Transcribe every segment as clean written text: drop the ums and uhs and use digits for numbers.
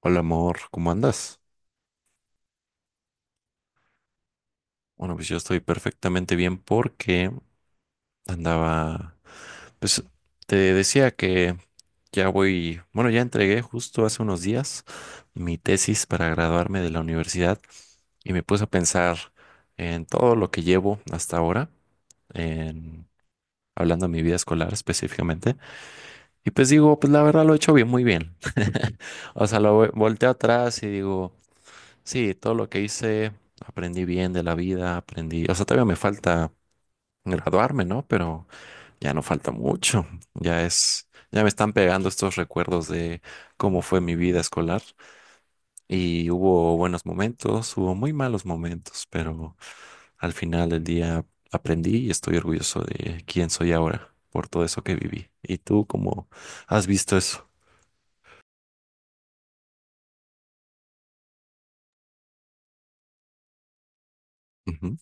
Hola amor, ¿cómo andas? Bueno, pues yo estoy perfectamente bien porque andaba, pues te decía que bueno, ya entregué justo hace unos días mi tesis para graduarme de la universidad y me puse a pensar en todo lo que llevo hasta ahora, en, hablando de mi vida escolar específicamente, y pues digo, pues la verdad lo he hecho bien, muy bien. O sea, volteo atrás y digo... Sí, todo lo que hice, aprendí bien de la vida, aprendí, o sea, todavía me falta graduarme, ¿no? Pero ya no falta mucho, ya me están pegando estos recuerdos de cómo fue mi vida escolar y hubo buenos momentos, hubo muy malos momentos, pero al final del día aprendí y estoy orgulloso de quién soy ahora por todo eso que viví. ¿Y tú cómo has visto eso? Ujú.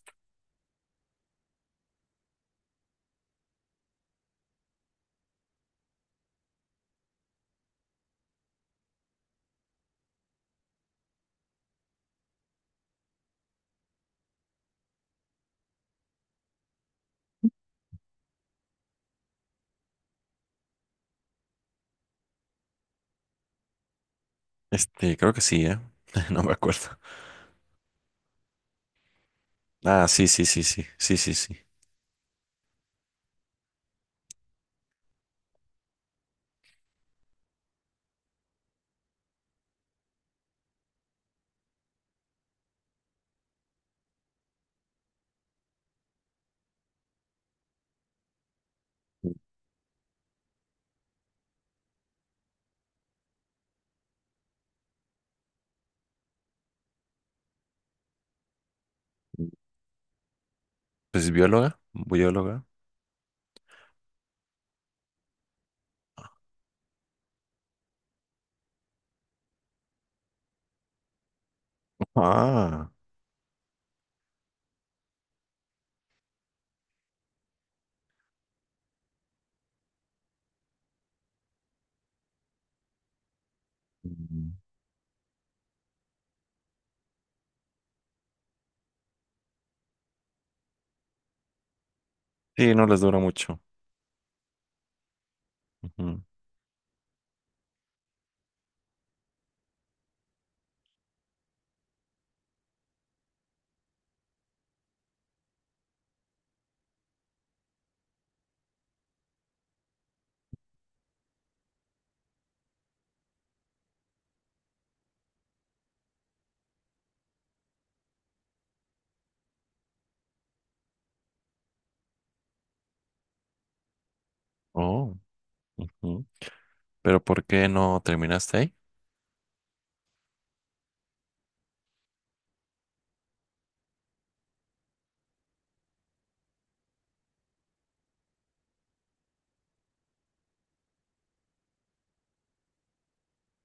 Creo que sí, ¿eh? No me acuerdo. Ah, sí, sí, sí, sí, sí, sí, sí. Pues bióloga, bióloga. Ah, mm, sí, no les dura mucho. Ujú. Oh, ujú. Pero ¿por qué no terminaste ahí?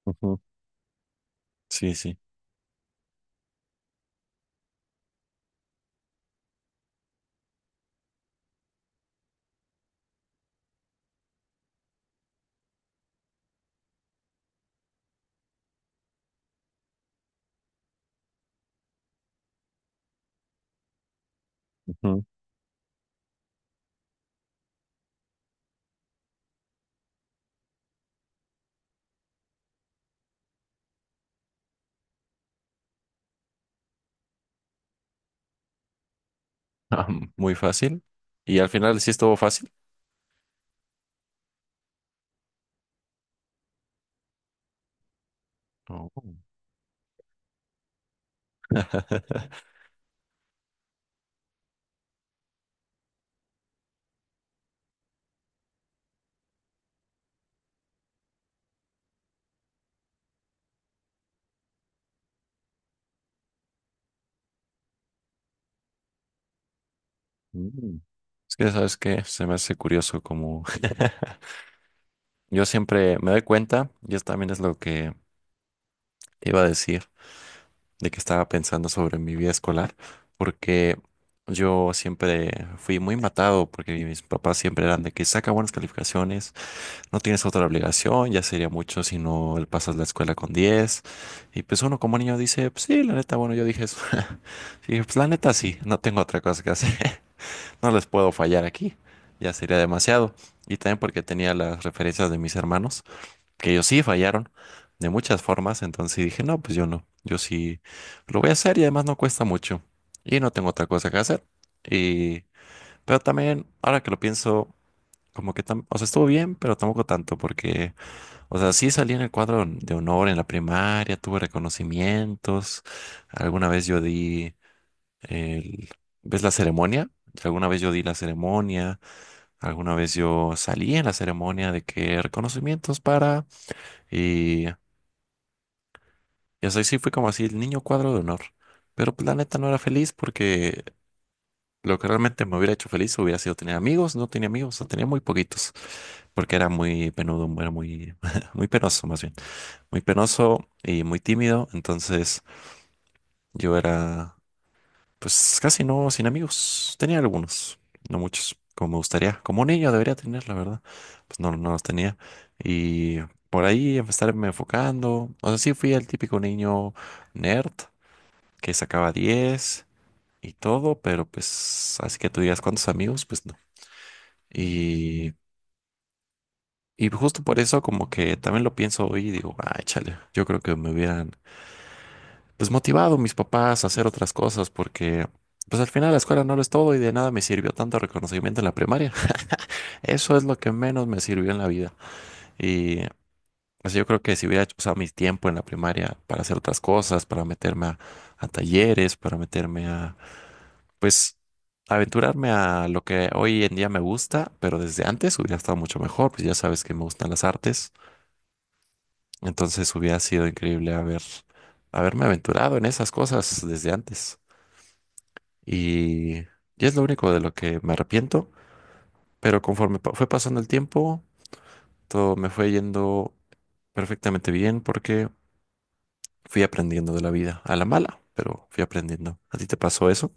Ujú. Sí, sí. Ujú. Ah, muy fácil. Y al final sí estuvo fácil. Oh. Mm. Es que, ¿sabes qué? Se me hace curioso como yo siempre me doy cuenta, y eso también es lo que te iba a decir, de que estaba pensando sobre mi vida escolar, porque yo siempre fui muy matado, porque mis papás siempre eran de que saca buenas calificaciones, no tienes otra obligación, ya sería mucho si no el pasas la escuela con diez. Y pues uno como niño dice, pues sí, la neta, bueno, yo dije eso. Y dije, pues la neta sí, no tengo otra cosa que hacer, no les puedo fallar aquí, ya sería demasiado. Y también porque tenía las referencias de mis hermanos que ellos sí fallaron de muchas formas, entonces dije, no, pues yo no, yo sí lo voy a hacer y además no cuesta mucho y no tengo otra cosa que hacer. Y pero también, ahora que lo pienso, como que, o sea, estuvo bien, pero tampoco tanto, porque, o sea, sí salí en el cuadro de honor en la primaria, tuve reconocimientos, alguna vez yo di el, ¿ves la ceremonia? Alguna vez yo di la ceremonia, alguna vez yo salí en la ceremonia de que reconocimientos para... Y Y así sí fue como así, el niño cuadro de honor. Pero pues, la neta no era feliz porque lo que realmente me hubiera hecho feliz hubiera sido tener amigos. No tenía amigos, o tenía muy poquitos. Porque era muy penudo, era muy, muy penoso más bien. Muy penoso y muy tímido. Entonces yo era pues casi no sin amigos. Tenía algunos, no muchos, como me gustaría. Como un niño debería tener, la verdad. Pues no, no los tenía. Y por ahí estarme enfocando. O sea, sí fui el típico niño nerd que sacaba 10 y todo, pero pues así que tú digas cuántos amigos, pues no. Y, y justo por eso como que también lo pienso hoy y digo, ay, chale, yo creo que me hubieran pues motivado mis papás a hacer otras cosas porque pues al final la escuela no lo es todo y de nada me sirvió tanto reconocimiento en la primaria. Eso es lo que menos me sirvió en la vida. Y pues yo creo que si hubiera usado mi tiempo en la primaria para hacer otras cosas, para meterme a talleres, para meterme a pues aventurarme a lo que hoy en día me gusta, pero desde antes hubiera estado mucho mejor, pues ya sabes que me gustan las artes, entonces hubiera sido increíble haberme aventurado en esas cosas desde antes. Y es lo único de lo que me arrepiento, pero conforme fue pasando el tiempo, todo me fue yendo perfectamente bien porque fui aprendiendo de la vida, a la mala, pero fui aprendiendo. ¿A ti te pasó eso?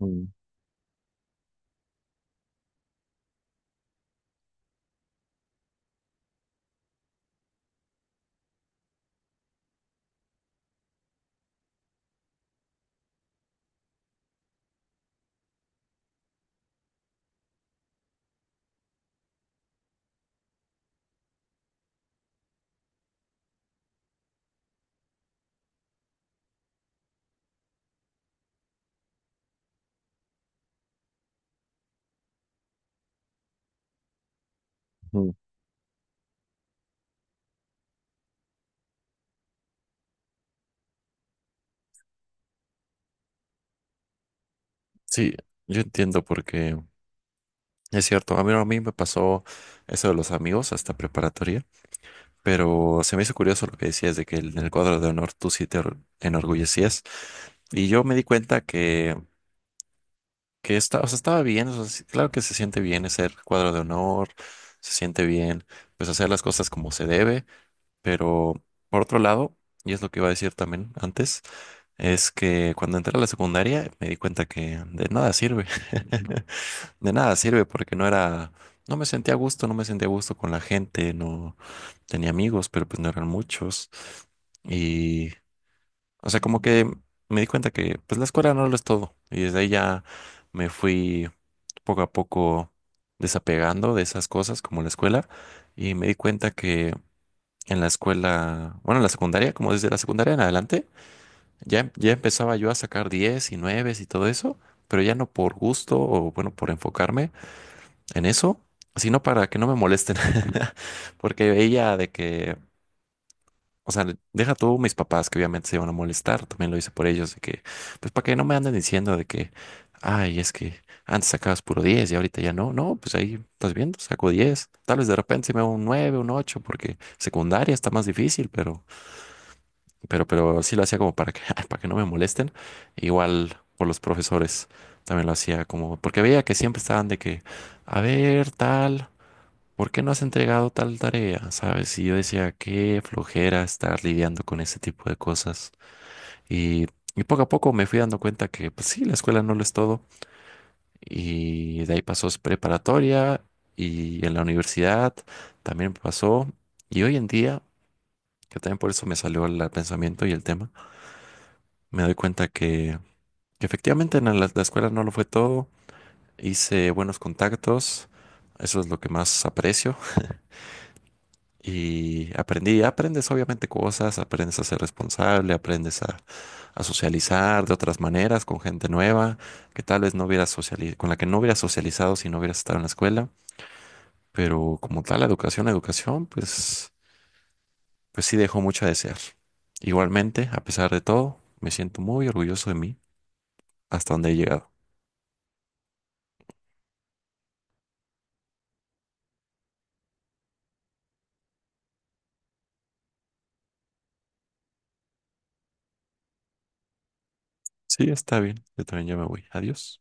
Mm, mm. Sí, yo entiendo porque es cierto, a mí me pasó eso de los amigos hasta preparatoria, pero se me hizo curioso lo que decías de que en el cuadro de honor tú sí te enorgullecías. Y yo me di cuenta que o sea, estaba bien, o sea, sí, claro que se siente bien ser cuadro de honor, se siente bien, pues hacer las cosas como se debe, pero por otro lado, y es lo que iba a decir también antes, es que cuando entré a la secundaria me di cuenta que de nada sirve. De nada sirve porque no era, no me sentía a gusto, no me sentía a gusto con la gente, no tenía amigos, pero pues no eran muchos. Y, o sea, como que me di cuenta que pues la escuela no lo es todo. Y desde ahí ya me fui poco a poco desapegando de esas cosas como la escuela. Y me di cuenta que en la escuela, bueno, en la secundaria, como desde la secundaria en adelante, ya, ya empezaba yo a sacar 10 y 9 y todo eso, pero ya no por gusto o bueno, por enfocarme en eso, sino para que no me molesten. Porque ella de que, o sea, deja tú mis papás que obviamente se van a molestar, también lo hice por ellos, de que, pues para que no me anden diciendo de que, ay, es que antes sacabas puro 10 y ahorita ya no, no, pues ahí estás viendo, saco 10, tal vez de repente sí me hago un 9, un 8 porque secundaria está más difícil, pero sí lo hacía como para que, para que no me molesten, igual por los profesores. También lo hacía como, porque veía que siempre estaban de que, a ver, tal. ¿Por qué no has entregado tal tarea? ¿Sabes? Y yo decía, qué flojera estar lidiando con ese tipo de cosas. Y, y poco a poco me fui dando cuenta que, pues sí, la escuela no lo es todo. Y de ahí pasó es preparatoria y en la universidad también pasó. Y hoy en día, que también por eso me salió el pensamiento y el tema, me doy cuenta que efectivamente en la escuela no lo fue todo. Hice buenos contactos. Eso es lo que más aprecio. Y aprendí, aprendes obviamente cosas, aprendes a ser responsable, aprendes a socializar de otras maneras con gente nueva que tal vez no hubieras socializado, con la que no hubieras socializado si no hubieras estado en la escuela. Pero como tal, la educación, pues sí dejó mucho a desear. Igualmente, a pesar de todo, me siento muy orgulloso de mí hasta donde he llegado. Sí, está bien, yo también ya me voy. Adiós.